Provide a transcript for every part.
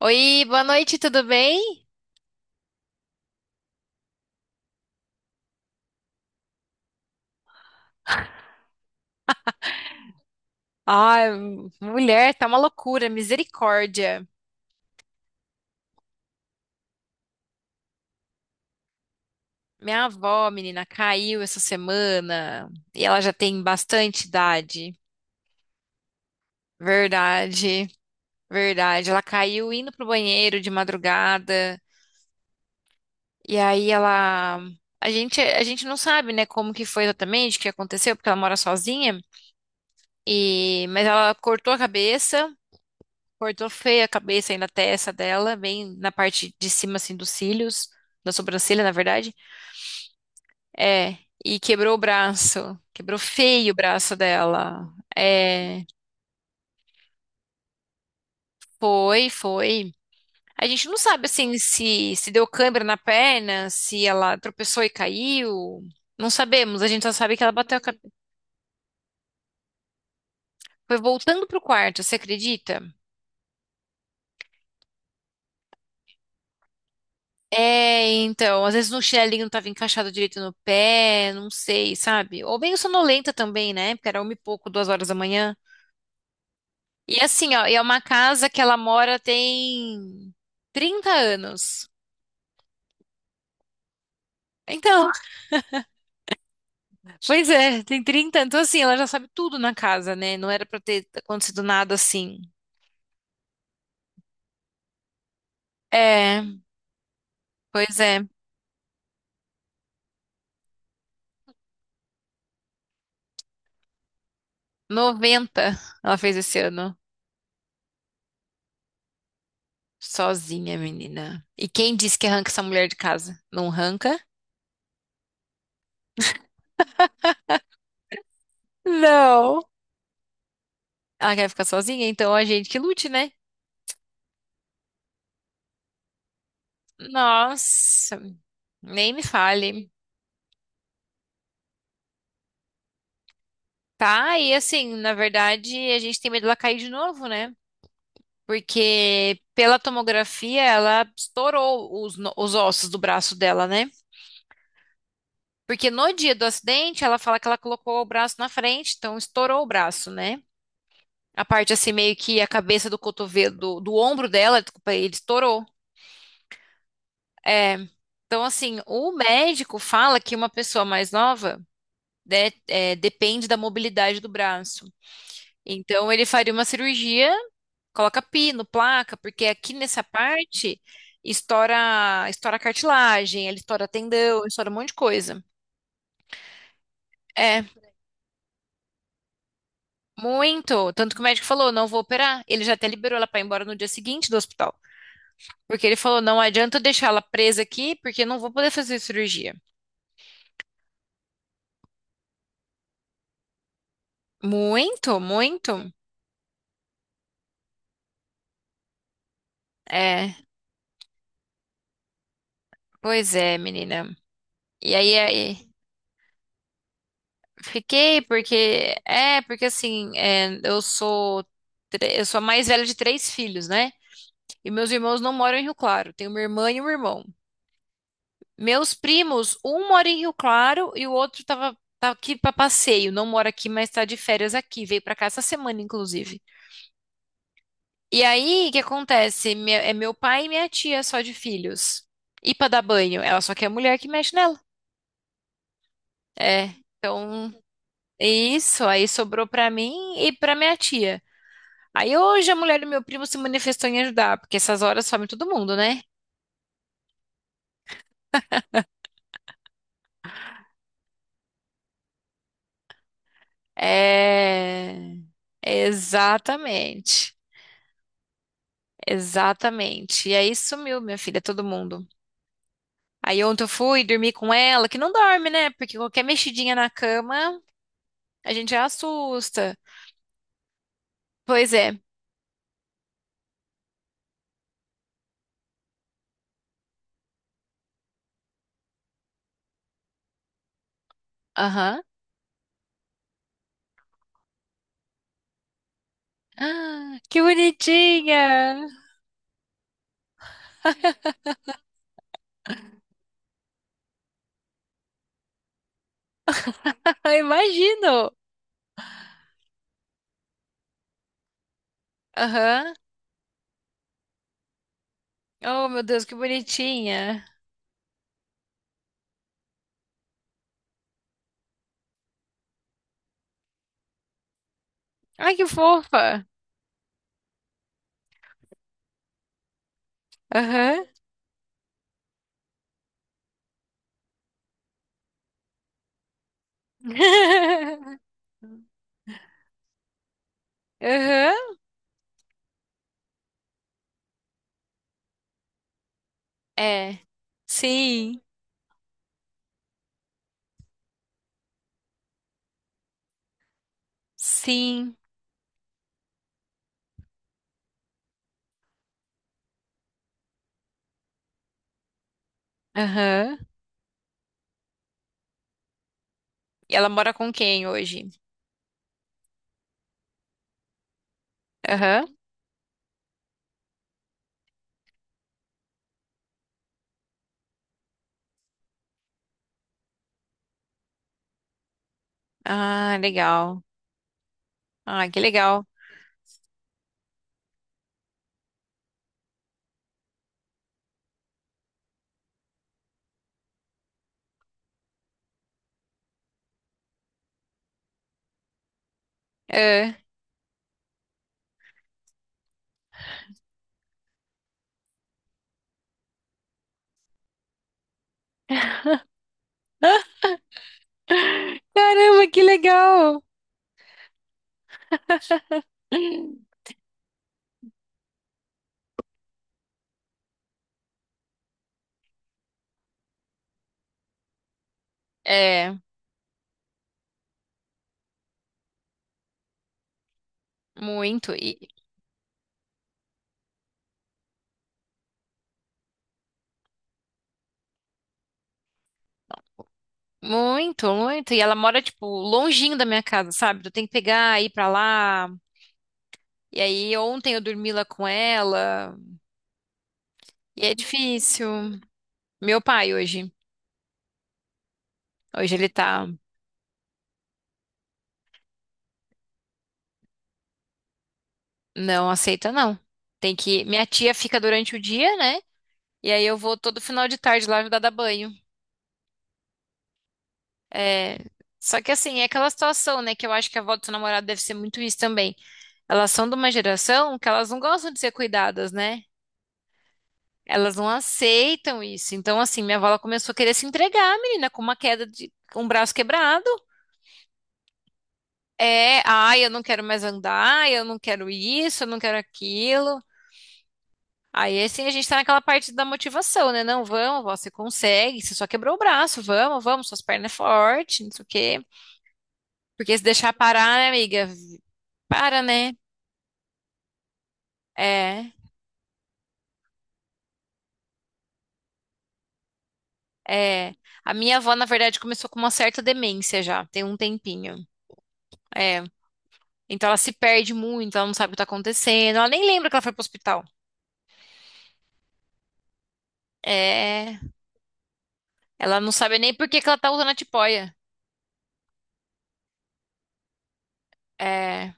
Oi, boa noite, tudo bem? Ai, mulher, tá uma loucura, misericórdia. Minha avó, menina, caiu essa semana e ela já tem bastante idade. Verdade, verdade. Ela caiu indo pro banheiro de madrugada e aí ela, a gente não sabe, né, como que foi exatamente, o que aconteceu, porque ela mora sozinha. E, mas ela cortou a cabeça. Cortou feia a cabeça aí na testa dela, bem na parte de cima, assim, dos cílios, da sobrancelha, na verdade. É, e quebrou o braço. Quebrou feio o braço dela. É, foi. A gente não sabe, assim, se deu câimbra na perna, se ela tropeçou e caiu. Não sabemos, a gente só sabe que ela bateu a cabeça. Foi voltando pro quarto, você acredita? É, então, às vezes no chinelinho não tava encaixado direito no pé, não sei, sabe? Ou bem sonolenta também, né? Porque era uma e pouco, 2 horas da manhã. E assim, ó, e é uma casa que ela mora tem 30 anos. Então, pois é, tem 30. Então assim, ela já sabe tudo na casa, né? Não era pra ter acontecido nada assim. É, pois é. 90, ela fez esse ano, sozinha, menina. E quem disse que arranca essa mulher de casa? Não arranca? Não. Ela quer ficar sozinha, então a gente que lute, né? Nossa, nem me fale. Tá, e assim, na verdade, a gente tem medo dela cair de novo, né? Porque pela tomografia, ela estourou os, os ossos do braço dela, né? Porque no dia do acidente, ela fala que ela colocou o braço na frente, então estourou o braço, né? A parte assim, meio que a cabeça do cotovelo, do ombro dela, desculpa, ele estourou. É. Então, assim, o médico fala que uma pessoa mais nova. Né, é, depende da mobilidade do braço. Então, ele faria uma cirurgia, coloca pino, placa, porque aqui nessa parte estoura cartilagem, ele estoura tendão, estoura um monte de coisa. É, muito. Tanto que o médico falou, não vou operar. Ele já até liberou ela para ir embora no dia seguinte do hospital. Porque ele falou, não adianta eu deixar ela presa aqui, porque eu não vou poder fazer cirurgia. Muito, muito. É, pois é, menina. E aí, fiquei porque é porque assim é, eu sou eu sou a mais velha de 3 filhos, né? E meus irmãos não moram em Rio Claro. Tenho uma irmã e um irmão. Meus primos, um mora em Rio Claro e o outro tava tá aqui para passeio. Não mora aqui, mas tá de férias aqui. Veio para cá essa semana, inclusive. E aí, o que acontece? É meu pai e minha tia só de filhos. E para dar banho, ela só quer mulher que mexe nela. É. Então, isso aí sobrou para mim e para minha tia. Aí hoje a mulher do meu primo se manifestou em ajudar, porque essas horas some todo mundo, né? É. Exatamente. Exatamente. E aí sumiu, minha filha, todo mundo. Aí ontem eu fui dormir com ela, que não dorme, né? Porque qualquer mexidinha na cama, a gente já assusta. Pois é. Aham. Ah, que bonitinha! Eu imagino! Aham. Oh, meu Deus, que bonitinha! Ai, que fofa! Aham. Aham. É. Sim, sim. Aham. E ela mora com quem hoje? Aham. Ah, legal. Ah, que legal. É. Caramba, que legal. É, muito. E, muito. E ela mora, tipo, longinho da minha casa, sabe? Eu tenho que pegar, ir pra lá. E aí, ontem eu dormi lá com ela. E é difícil. Meu pai hoje. Hoje ele tá. Não aceita, não. Tem que. Minha tia fica durante o dia, né? E aí eu vou todo final de tarde lá ajudar a dar banho. É, só que assim, é aquela situação, né? Que eu acho que a avó do seu namorado deve ser muito isso também. Elas são de uma geração que elas não gostam de ser cuidadas, né? Elas não aceitam isso. Então, assim, minha avó ela começou a querer se entregar, menina, com uma queda de com um braço quebrado. É, ai, eu não quero mais andar, eu não quero isso, eu não quero aquilo. Aí, assim, a gente tá naquela parte da motivação, né? Não, vamos, vó, você consegue, você só quebrou o braço, vamos, suas pernas é forte, não sei o quê. Porque se deixar parar, né, amiga? Para, né? É, é. A minha avó, na verdade, começou com uma certa demência já, tem um tempinho. É. Então ela se perde muito, ela não sabe o que tá acontecendo, ela nem lembra que ela foi pro hospital. É. Ela não sabe nem por que que ela tá usando a tipoia. É.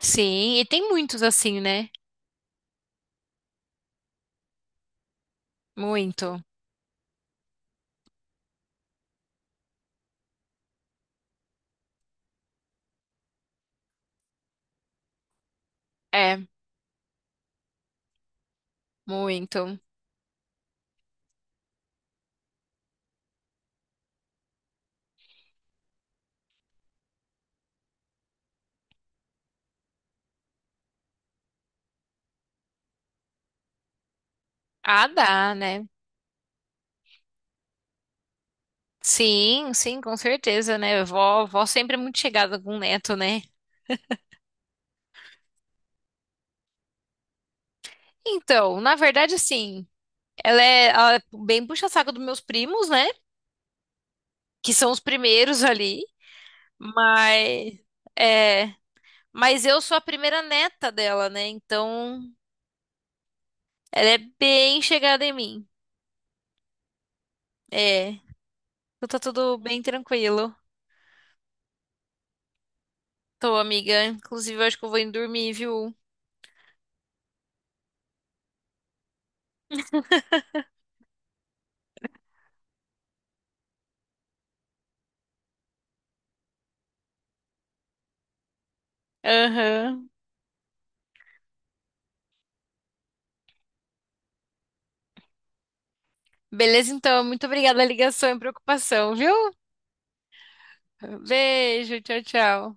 Sim, e tem muitos assim, né? Muito. É, muito. Ah, dá, né? Sim, sim, com certeza, né? Vó, vó sempre é muito chegada com o neto, né? Então, na verdade, assim, ela é, ela é bem puxa-saco dos meus primos, né? Que são os primeiros ali. Mas, é, mas eu sou a primeira neta dela, né? Então, ela é bem chegada em mim. É, então tá tudo bem tranquilo. Tô, amiga. Inclusive, eu acho que eu vou indo dormir, viu? Aham. Beleza, então. Muito obrigada a ligação e preocupação, viu? Beijo, tchau, tchau.